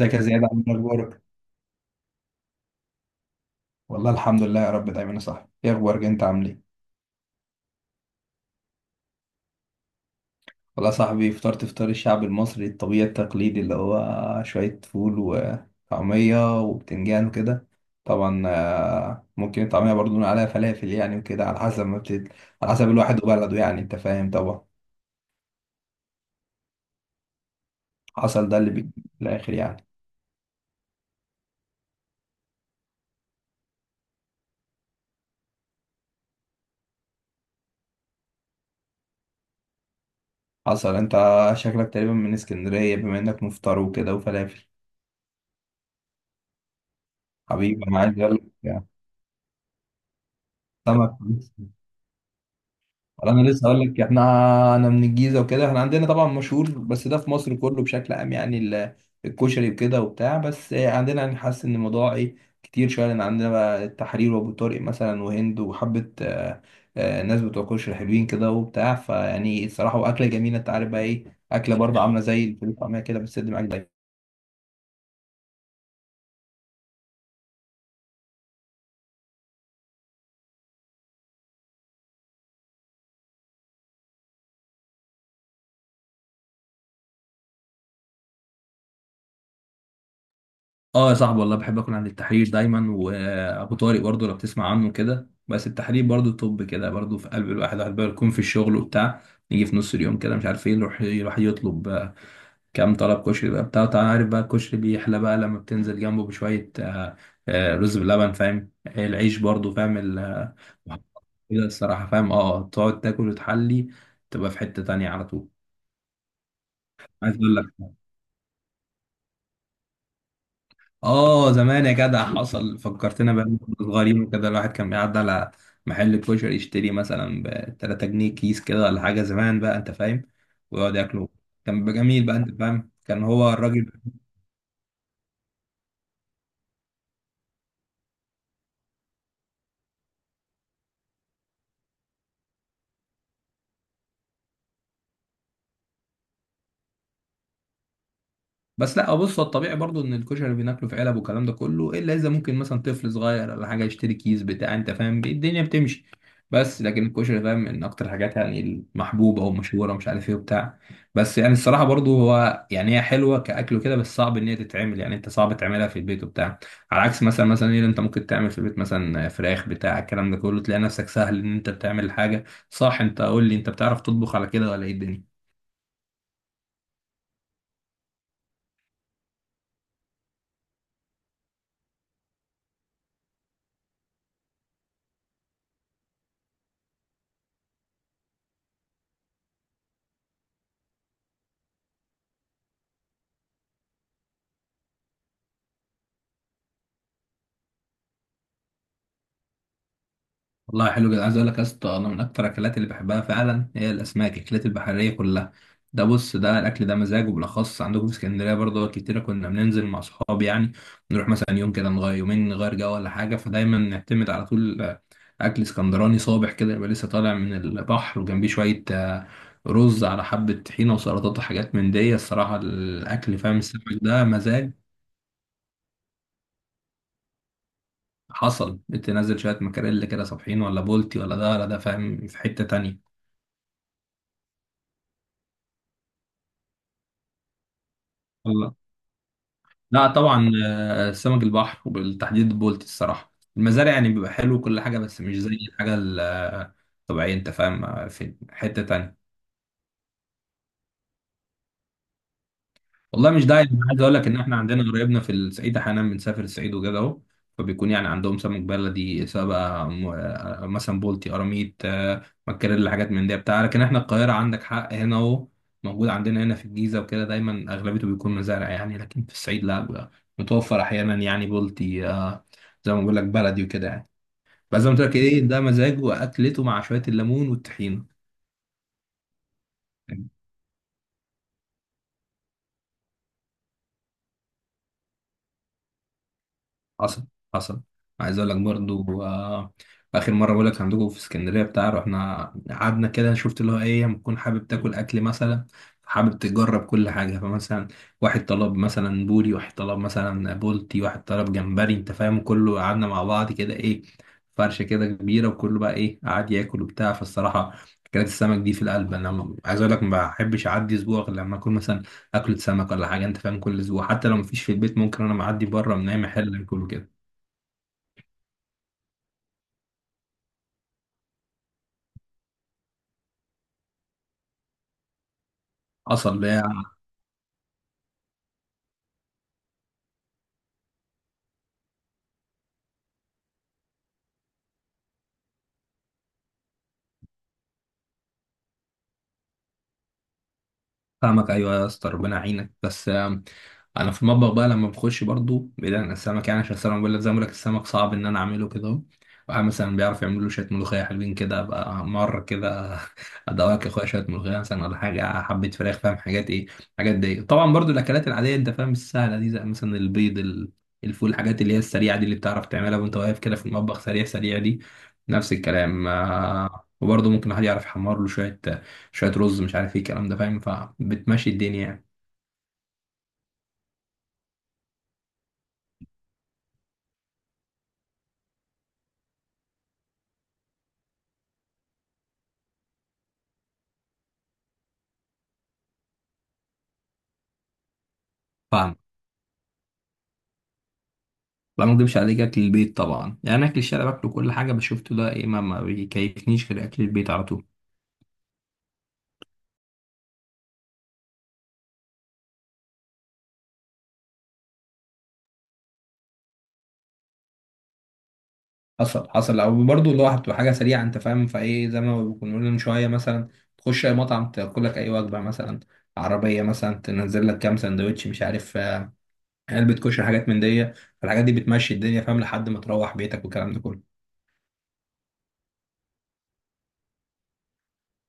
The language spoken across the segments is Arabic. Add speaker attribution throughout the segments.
Speaker 1: ازيك يا زياد؟ عامل إيه؟ اخبارك؟ والله الحمد لله يا رب دايما. يا صاحبي ايه اخبارك؟ انت عامل ايه؟ والله يا صاحبي فطرت فطار الشعب المصري الطبيعي التقليدي اللي هو شوية فول وطعمية وبتنجان وكده. طبعا ممكن الطعمية برضو نقول عليها فلافل، يعني وكده، على حسب ما على حسب الواحد وبلده، يعني انت فاهم طبعا. حصل، ده اللي في الاخر يعني. حصل. انت شكلك تقريبا من اسكندرية، بما انك مفطر وكده وفلافل. حبيبي، انا عايز اقول لك سمك. انا لسه هقول لك، احنا انا من الجيزه وكده، احنا عندنا طبعا مشهور، بس ده في مصر كله بشكل عام يعني الكشري وكده وبتاع، بس عندنا يعني حاسس ان الموضوع ايه، كتير شويه، لان عندنا بقى التحرير وابو طارق مثلا وهند وحبه ناس بتوع كشري حلوين كده وبتاع، فيعني الصراحه واكله جميله. انت عارف بقى ايه؟ اكله برضه عامله زي الفول والطعميه كده، بس معاك دايما. اه يا صاحبي والله بحب اكون عند التحرير دايما، وابو طارق برضه لو بتسمع عنه كده، بس التحرير برضه طب كده برضه في قلب الواحد. الواحد بقى يكون في الشغل وبتاع، يجي في نص اليوم كده مش عارف ايه، يروح يطلب كام طلب كشري بقى بتاع. انت عارف بقى الكشري بيحلى بقى لما بتنزل جنبه بشويه، رز بلبن، فاهم؟ العيش برضه، فاهم؟ كده الصراحه، فاهم؟ اه تقعد تاكل وتحلي، تبقى في حته تانية على طول. عايز اقول لك، اه زمان يا جدع، حصل فكرتنا بقى لما كنا صغيرين وكده، الواحد كان بيعدي على محل كشري يشتري مثلا ب 3 جنيه كيس كده، ولا حاجه زمان بقى، انت فاهم. ويقعد ياكله، كان بيبقى جميل بقى، انت فاهم؟ كان هو الراجل. بس لا، بص، هو الطبيعي برضو ان الكشري بناكله في علب والكلام ده كله، الا اذا ممكن مثلا طفل صغير ولا حاجه يشتري كيس بتاع، انت فاهم، الدنيا بتمشي. بس لكن الكشري فاهم من اكتر الحاجات يعني المحبوبه او مشهوره، مش عارف ايه وبتاع. بس يعني الصراحه برضو هو يعني هي حلوه كاكل وكده، بس صعب ان هي تتعمل يعني، انت صعب تعملها في البيت وبتاع، على عكس مثلا ايه اللي انت ممكن تعمل في البيت، مثلا فراخ بتاع الكلام ده كله، تلاقي نفسك سهل ان انت بتعمل حاجه. صح؟ انت قول لي، انت بتعرف تطبخ على كده ولا ايه الدنيا؟ والله حلو جدا. عايز اقول لك يا اسطى، انا من اكتر الاكلات اللي بحبها فعلا هي الاسماك، الاكلات البحريه كلها. ده بص، ده الاكل ده مزاج، وبالاخص عندكم في اسكندريه برضه، كتير كنا بننزل مع اصحابي يعني، نروح مثلا يوم كده نغير، يومين نغير جو، ولا حاجه، فدايما نعتمد على طول اكل اسكندراني صابح كده، يبقى لسه طالع من البحر، وجنبيه شويه رز على حبه طحينه وسلطات وحاجات من دي. الصراحه الاكل، فاهم، السمك ده مزاج. حصل، بتنزل شويه مكاريل كده صابحين، ولا بولتي، ولا ده ولا ده، فاهم، في حته تانيه. لا طبعا، سمك البحر، وبالتحديد البولتي، الصراحه المزارع يعني بيبقى حلو وكل حاجه، بس مش زي الحاجه الطبيعيه، انت فاهم في حته تانية. والله مش داعي. انا عايز اقول لك ان احنا عندنا قرايبنا في الصعيد، احيانا بنسافر الصعيد وكده اهو، فبيكون يعني عندهم سمك بلدي، سواء بقى مثلا بولتي، قراميط، مكاريلي، حاجات من دي بتاع. لكن احنا القاهره عندك حق، هنا اهو موجود عندنا هنا في الجيزه وكده، دايما اغلبيته بيكون مزارع يعني، لكن في الصعيد لا بقى، متوفر احيانا يعني بولتي، زي ما بقول لك، بلدي وكده يعني. بس زي ما قلت لك ايه، ده مزاجه واكلته مع شويه الليمون والطحينه. حصل حصل. عايز اقول لك برضو اخر مره بقول لك عندكم في اسكندريه بتاع، رحنا قعدنا كده، شفت اللي هو ايه، لما تكون حابب تاكل اكل مثلا، حابب تجرب كل حاجه، فمثلا واحد طلب مثلا بوري، واحد طلب مثلا بولتي، واحد طلب جمبري، انت فاهم، كله قعدنا مع بعض كده ايه، فرشه كده كبيره، وكله بقى ايه قعد ياكل وبتاع. فالصراحه اكلات السمك دي في القلب. انا عايز اقول لك، ما بحبش اعدي اسبوع غير لما اكون مثلا اكلة سمك ولا حاجة، انت فاهم، كل اسبوع، حتى لو مفيش في البيت ممكن انا معدي بره من اي محل اكله كده. حصل ليا. فاهمك، ايوه يا اسطى، ربنا يعينك. بس انا في المطبخ بقى لما بخش، برضو بعيد عن السمك يعني، عشان السمك بقول لك زي ما بقول لك، السمك صعب ان انا اعمله كده اهو. واحد مثلا بيعرف يعمل له شويه ملوخيه حلوين كده بقى، مره كده ادوقك يا اخويا شويه ملوخيه مثلا، ولا حاجه حبيت فراخ، فاهم حاجات ايه. حاجات دي طبعا، برضو الاكلات العاديه، انت فاهم، السهله دي، زي مثلا البيض، الفول، الحاجات اللي هي السريعه دي، اللي بتعرف تعملها وانت واقف كده في المطبخ، سريع دي نفس الكلام. وبرضه ممكن الواحد يعرف يحمر له شويه، شويه رز، مش عارف ايه الكلام ده، فاهم، فبتمشي الدنيا يعني. فاهم بقى، ما اكدبش عليك، اكل البيت طبعا. يعني اكل الشارع باكله كل حاجه، بس شفته ده ايه، ما بيكيفنيش غير اكل البيت على طول. حصل. او برضه اللي هو بتبقى حاجه سريعه، انت فاهم، فايه زي ما كنا بنقول من شويه، مثلا تخش اي مطعم تاكل لك اي وجبه، مثلا عربيه مثلا تنزل لك كام سندوتش، مش عارف علبه كشري، حاجات من دي. فالحاجات دي بتمشي الدنيا، فاهم، لحد ما تروح بيتك والكلام ده كله.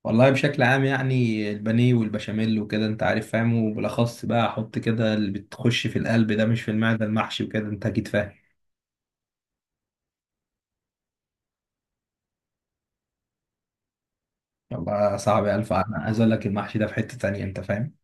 Speaker 1: والله بشكل عام يعني البانيه والبشاميل وكده، انت عارف، فاهم. وبالاخص بقى احط كده اللي بتخش في القلب ده، مش في المعده، المحشي وكده، انت اكيد فاهم. والله صعب. الف، انا عايز اقول لك المحشي ده في حته تانية، انت فاهم.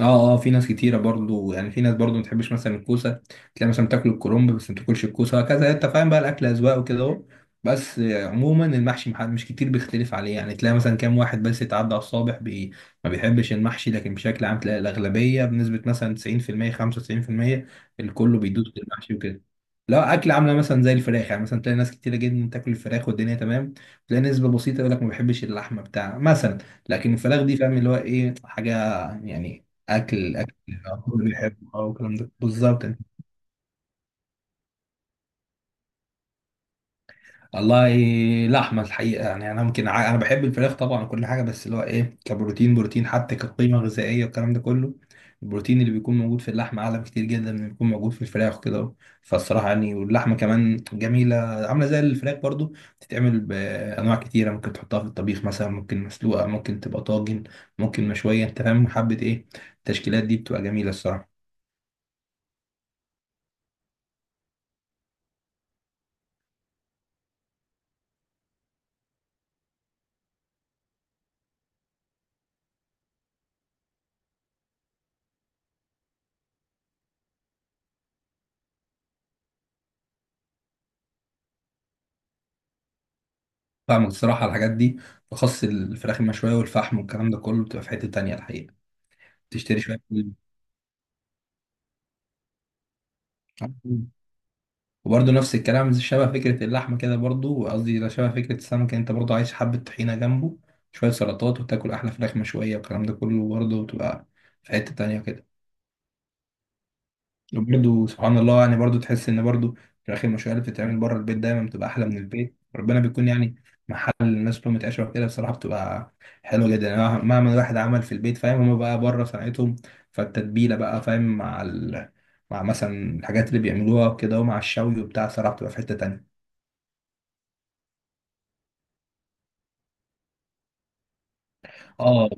Speaker 1: اه، في ناس كتيرة برضو يعني، في ناس برضو ما تحبش مثلا الكوسة، تلاقي مثلا بتاكل الكرنب بس ما تاكلش الكوسة، وهكذا انت فاهم بقى، الأكل أذواق وكده اهو. بس عموما المحشي محد مش كتير بيختلف عليه يعني، تلاقي مثلا كام واحد بس يتعدى على الصابع، بي ما بيحبش المحشي، لكن بشكل عام تلاقي الأغلبية بنسبة مثلا 90% 95% الكل بيدوس في المحشي وكده. لا أكل عاملة مثلا زي الفراخ يعني، مثلا تلاقي ناس كتيرة جدا تاكل الفراخ والدنيا تمام، تلاقي نسبة بسيطة يقول لك ما بحبش اللحمة بتاع مثلا، لكن الفراخ دي فاهم اللي هو ايه حاجة يعني، اكل كله بيحبه. اه والكلام ده بالظبط يعني. والله لحمه الحقيقه يعني، انا ممكن انا بحب الفراخ طبعا وكل حاجه، بس اللي هو ايه، كبروتين، بروتين حتى كقيمه غذائيه والكلام ده كله، البروتين اللي بيكون موجود في اللحمه اعلى بكتير جدا من اللي بيكون موجود في الفراخ كده. فالصراحه يعني، واللحمه كمان جميله عامله زي الفراخ برضو، بتتعمل بانواع كتيره، ممكن تحطها في الطبيخ مثلا، ممكن مسلوقه، ممكن تبقى طاجن، ممكن مشويه، انت فاهم، حبه ايه، التشكيلات دي بتبقى جميله الصراحه. فاهمك. الصراحة على الحاجات دي، بخص الفراخ المشوية والفحم والكلام ده كله، بتبقى في حتة تانية الحقيقة. تشتري شوية فول. وبرضه نفس الكلام شبه فكرة اللحمة كده برضه، قصدي لا، شبه فكرة السمك يعني، انت برضه عايز حبة طحينة جنبه، شوية سلطات، وتاكل أحلى فراخ مشوية، والكلام ده كله برضه بتبقى في حتة تانية كده. وبرده سبحان الله يعني، برضه تحس ان برضه في الاخر المشاريع اللي بتتعمل بره البيت دايما بتبقى احلى من البيت، ربنا بيكون يعني محل الناس كلها متعشره كده، بصراحه بتبقى حلوه جدا يعني، مهما الواحد عمل في البيت، فاهم، هما بقى بره صنعتهم، فالتتبيله بقى فاهم مع مع مثلا الحاجات اللي بيعملوها وكده، ومع الشوي وبتاع، صراحه بتبقى في حته تانيه. اه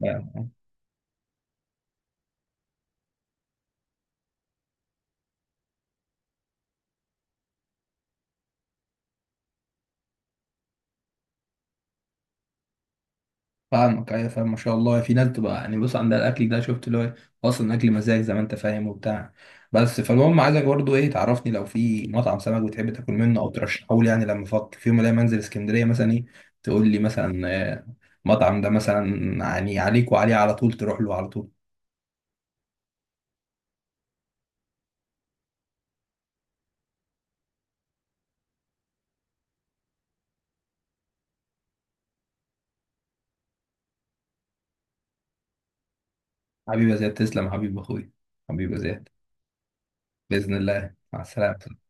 Speaker 1: بالظبط. فاهمك، ايوه فاهم، ما شاء الله في ناس تبقى يعني بص عندها الاكل ده، شفت اللي هو اصلا اكل مزاج، زي ما انت فاهم وبتاع. بس فالمهم عايزك برضو ايه، تعرفني لو في مطعم سمك بتحب تاكل منه او ترشحه لي يعني، لما افكر في يوم الاقي منزل اسكندريه مثلا ايه، تقول لي مثلا آه، المطعم ده مثلا يعني عليك وعليه، على طول تروح له على طول. حبيبي يا زياد، تسلم حبيب اخوي. حبيبي يا زياد، باذن الله، مع السلامه.